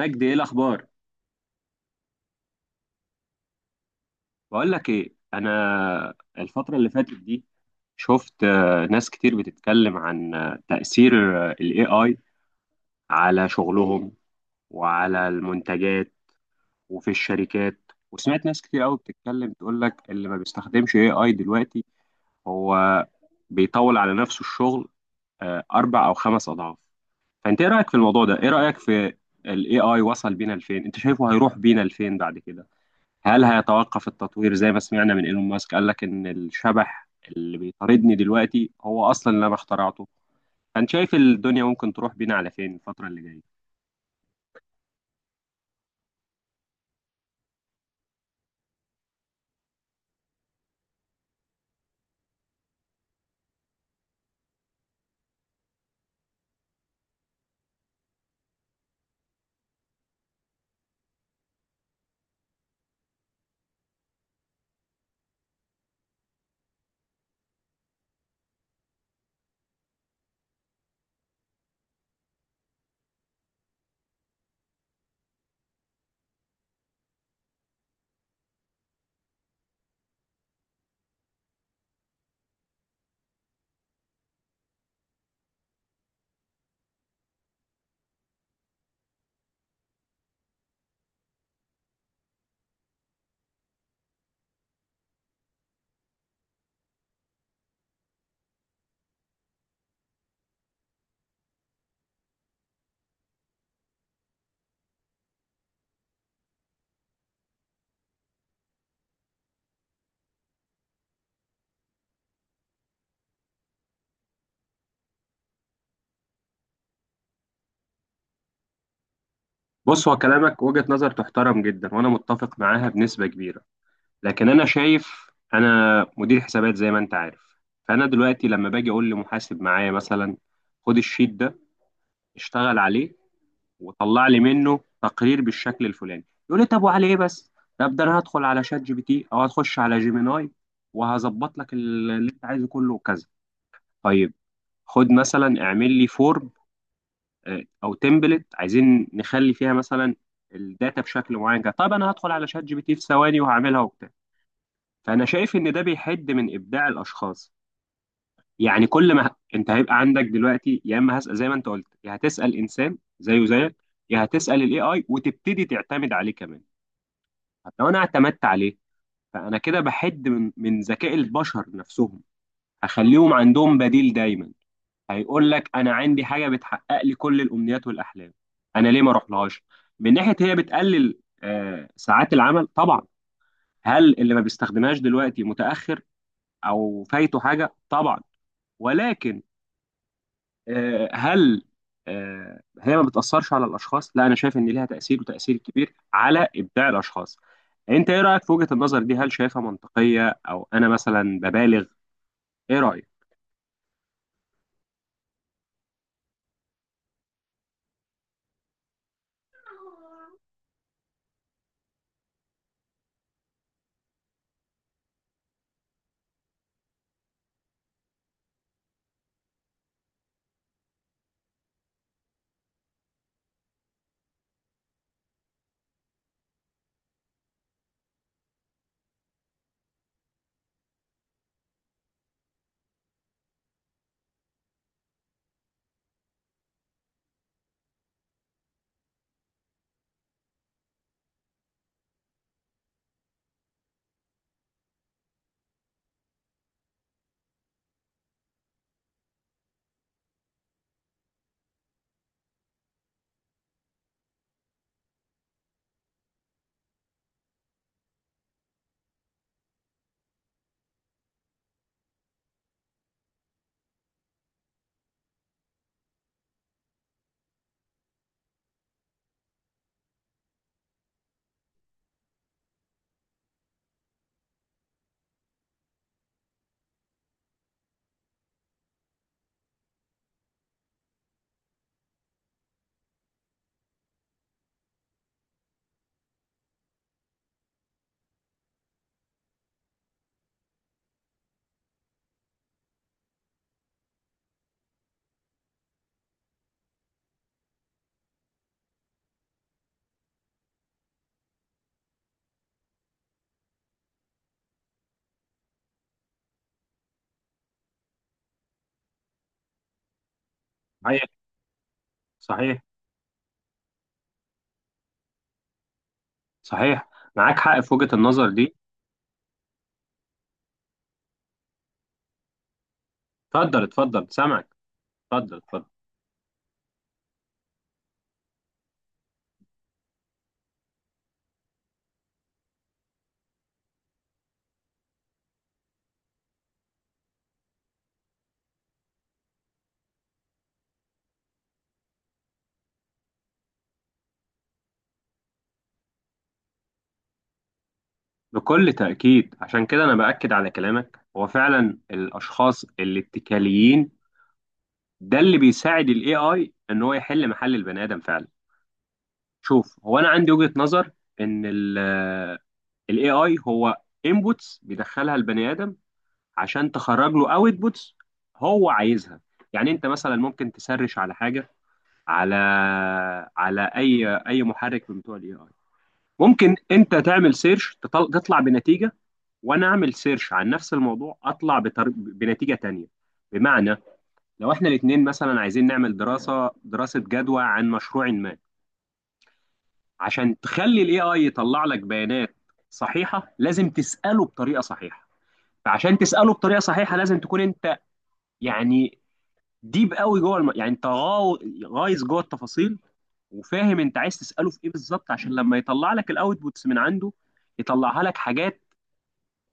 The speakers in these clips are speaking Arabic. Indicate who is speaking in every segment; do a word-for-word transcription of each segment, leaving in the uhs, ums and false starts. Speaker 1: مجدي، ايه الاخبار؟ بقول لك ايه، انا الفتره اللي فاتت دي شفت آه، ناس كتير بتتكلم عن آه، تاثير الاي اي على شغلهم، وعلى المنتجات وفي الشركات. وسمعت ناس كتير قوي بتتكلم تقول لك اللي ما بيستخدمش اي اي دلوقتي هو بيطول على نفسه الشغل آه، اربع او خمس اضعاف. فانت ايه رايك في الموضوع ده؟ ايه رايك في الاي اي؟ وصل بينا لفين؟ انت شايفه هيروح بينا لفين بعد كده؟ هل هيتوقف التطوير زي ما سمعنا من ايلون ماسك؟ قال لك ان الشبح اللي بيطاردني دلوقتي هو اصلا اللي انا اخترعته. فانت شايف الدنيا ممكن تروح بينا على فين الفترة اللي جاية؟ بص، هو كلامك وجهة نظر تحترم جدا وانا متفق معاها بنسبة كبيرة. لكن انا شايف، انا مدير حسابات زي ما انت عارف، فانا دلوقتي لما باجي اقول لمحاسب معايا مثلا خد الشيت ده، اشتغل عليه وطلع لي منه تقرير بالشكل الفلاني، يقول لي طب وعلى ايه بس؟ طب ده انا هدخل على شات جي بي تي او هتخش على جيميناي وهظبط لك ال- اللي انت عايزه كله وكذا. طيب، خد مثلا اعمل لي فورم، آه، او تمبلت عايزين نخلي فيها مثلا الداتا بشكل معين كده. طب انا هدخل على شات جي بي تي في ثواني وهعملها وبتاع. فانا شايف ان ده بيحد من ابداع الاشخاص. يعني كل ما انت هيبقى عندك دلوقتي، يا اما هسأل زي ما انت قلت يا هتسأل انسان زيه زيك، يا هتسأل الاي اي وتبتدي تعتمد عليه كمان. لو انا اعتمدت عليه، فانا كده بحد من من ذكاء البشر نفسهم. هخليهم عندهم بديل دايما، هيقول لك انا عندي حاجه بتحقق لي كل الامنيات والاحلام، انا ليه ما اروحلهاش؟ من ناحيه، هي بتقلل آه، ساعات العمل طبعا. هل اللي ما بيستخدمهاش دلوقتي متاخر او فايته حاجه؟ طبعا. ولكن، آه، هل آه، هي ما بتأثرش على الأشخاص؟ لا، أنا شايف إن ليها تأثير، وتأثير كبير على إبداع الأشخاص. أنت إيه رأيك في وجهة النظر دي؟ هل شايفها منطقية أو أنا مثلا ببالغ؟ إيه رأيك؟ صحيح. صحيح. صحيح. معاك حق في وجهة النظر دي. اتفضل، اتفضل، سامعك. اتفضل، اتفضل. بكل تأكيد، عشان كده أنا بأكد على كلامك. هو فعلا الأشخاص الاتكاليين ده اللي بيساعد ال إيه آي إن هو يحل محل البني آدم فعلا. شوف، هو انا عندي وجهة نظر ان ال ال A I هو inputs بيدخلها البني ادم عشان تخرج له outputs هو عايزها. يعني انت مثلا ممكن تسرش على حاجة، على على اي اي محرك من بتوع ال A I. ممكن انت تعمل سيرش تطلع بنتيجة، وانا اعمل سيرش عن نفس الموضوع اطلع بتر... بنتيجة تانية. بمعنى، لو احنا الاتنين مثلا عايزين نعمل دراسة دراسة جدوى عن مشروع ما، عشان تخلي الاي اي يطلع لك بيانات صحيحه لازم تساله بطريقه صحيحه. فعشان تساله بطريقه صحيحه لازم تكون انت، يعني، ديب قوي جوه الم... يعني انت غاو... غايز جوه التفاصيل، وفاهم انت عايز تساله في ايه بالظبط، عشان لما يطلع لك الاوتبوتس من عنده يطلعها لك حاجات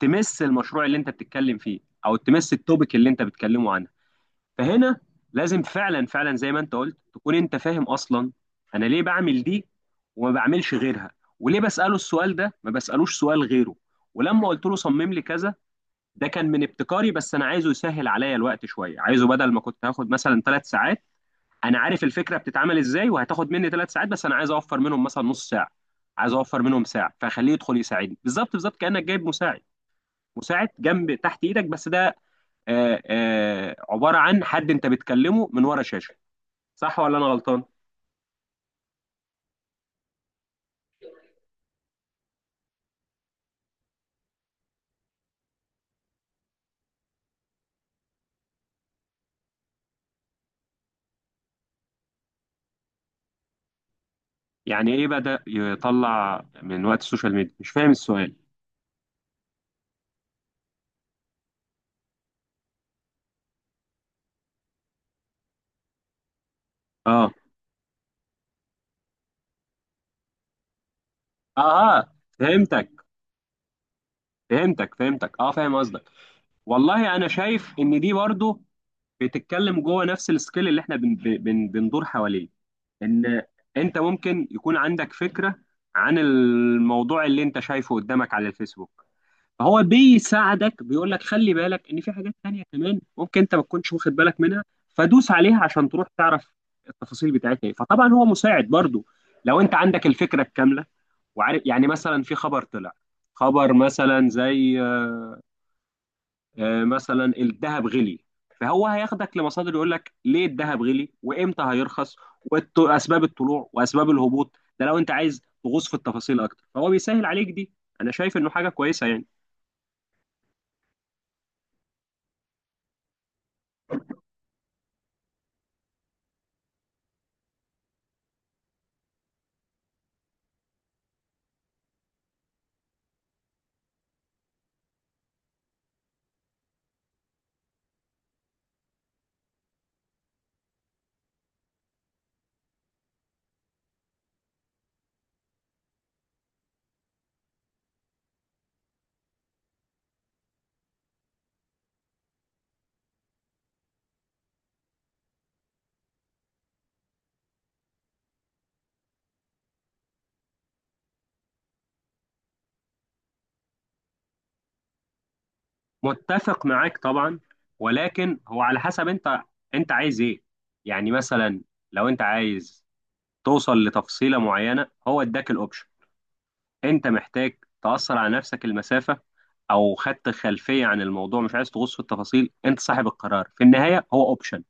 Speaker 1: تمس المشروع اللي انت بتتكلم فيه او تمس التوبيك اللي انت بتتكلمه عنه. فهنا لازم فعلا فعلا زي ما انت قلت تكون انت فاهم اصلا انا ليه بعمل دي وما بعملش غيرها، وليه بساله السؤال ده ما بسالوش سؤال غيره. ولما قلت له صمم لي كذا، ده كان من ابتكاري، بس انا عايزه يسهل عليا الوقت شويه، عايزه بدل ما كنت هاخد مثلا ثلاث ساعات، انا عارف الفكره بتتعمل ازاي وهتاخد مني ثلاث ساعات، بس انا عايز اوفر منهم مثلا نص ساعه، عايز اوفر منهم ساعه، فخليه يدخل يساعدني بالظبط بالظبط، كانك جايب مساعد، مساعد جنب تحت ايدك، بس ده آه، آه، عباره عن حد انت بتكلمه من ورا شاشه. صح ولا انا غلطان؟ يعني ايه بدا يطلع من وقت السوشيال ميديا؟ مش فاهم السؤال. اه. اه. آه، فهمتك. فهمتك. فهمتك. اه، فاهم قصدك. والله انا شايف ان دي برضو بتتكلم جوه نفس السكيل اللي احنا بن بن بندور حواليه. ان انت ممكن يكون عندك فكره عن الموضوع اللي انت شايفه قدامك على الفيسبوك، فهو بيساعدك، بيقول لك خلي بالك ان في حاجات تانية كمان ممكن انت ما تكونش واخد بالك منها، فدوس عليها عشان تروح تعرف التفاصيل بتاعتها ايه. فطبعا هو مساعد برضو لو انت عندك الفكرة الكاملة وعارف، يعني مثلا في خبر طلع، خبر مثلا زي آه، مثلا الذهب غلي، فهو هياخدك لمصادر يقول لك ليه الذهب غلي وامتى هيرخص واسباب الطلوع واسباب الهبوط. ده لو انت عايز تغوص في التفاصيل اكتر فهو بيسهل عليك دي. انا شايف انه حاجة كويسة يعني. متفق معاك طبعا، ولكن هو على حسب انت انت عايز ايه. يعني مثلا لو انت عايز توصل لتفصيلة معينة هو اداك الاوبشن. انت محتاج تأثر على نفسك المسافة او خدت خلفية عن الموضوع مش عايز تغوص في التفاصيل، انت صاحب القرار في النهاية. هو اوبشن،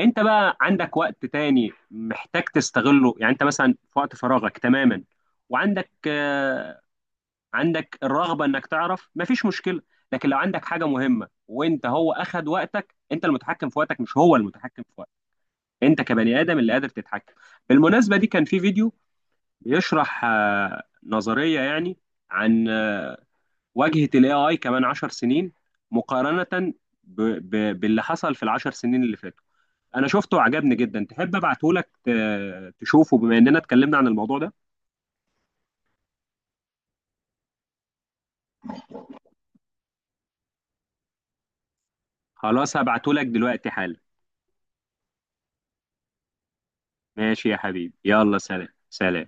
Speaker 1: انت بقى عندك وقت تاني محتاج تستغله. يعني انت مثلا في وقت فراغك تماما وعندك آه، عندك الرغبه انك تعرف، مفيش مشكله. لكن لو عندك حاجه مهمه وانت هو اخد وقتك، انت المتحكم في وقتك مش هو المتحكم في وقتك. انت كبني ادم اللي قادر تتحكم. بالمناسبه، دي كان في فيديو بيشرح آه، نظريه يعني عن آه، واجهه الاي اي كمان 10 سنين، مقارنه ب... ب... باللي حصل في العشر سنين اللي فاتوا. انا شفته وعجبني جدا، تحب ابعته لك تشوفه بما اننا اتكلمنا عن الموضوع ده؟ خلاص هبعته لك دلوقتي حالا. ماشي يا حبيبي، يلا، سلام. سلام.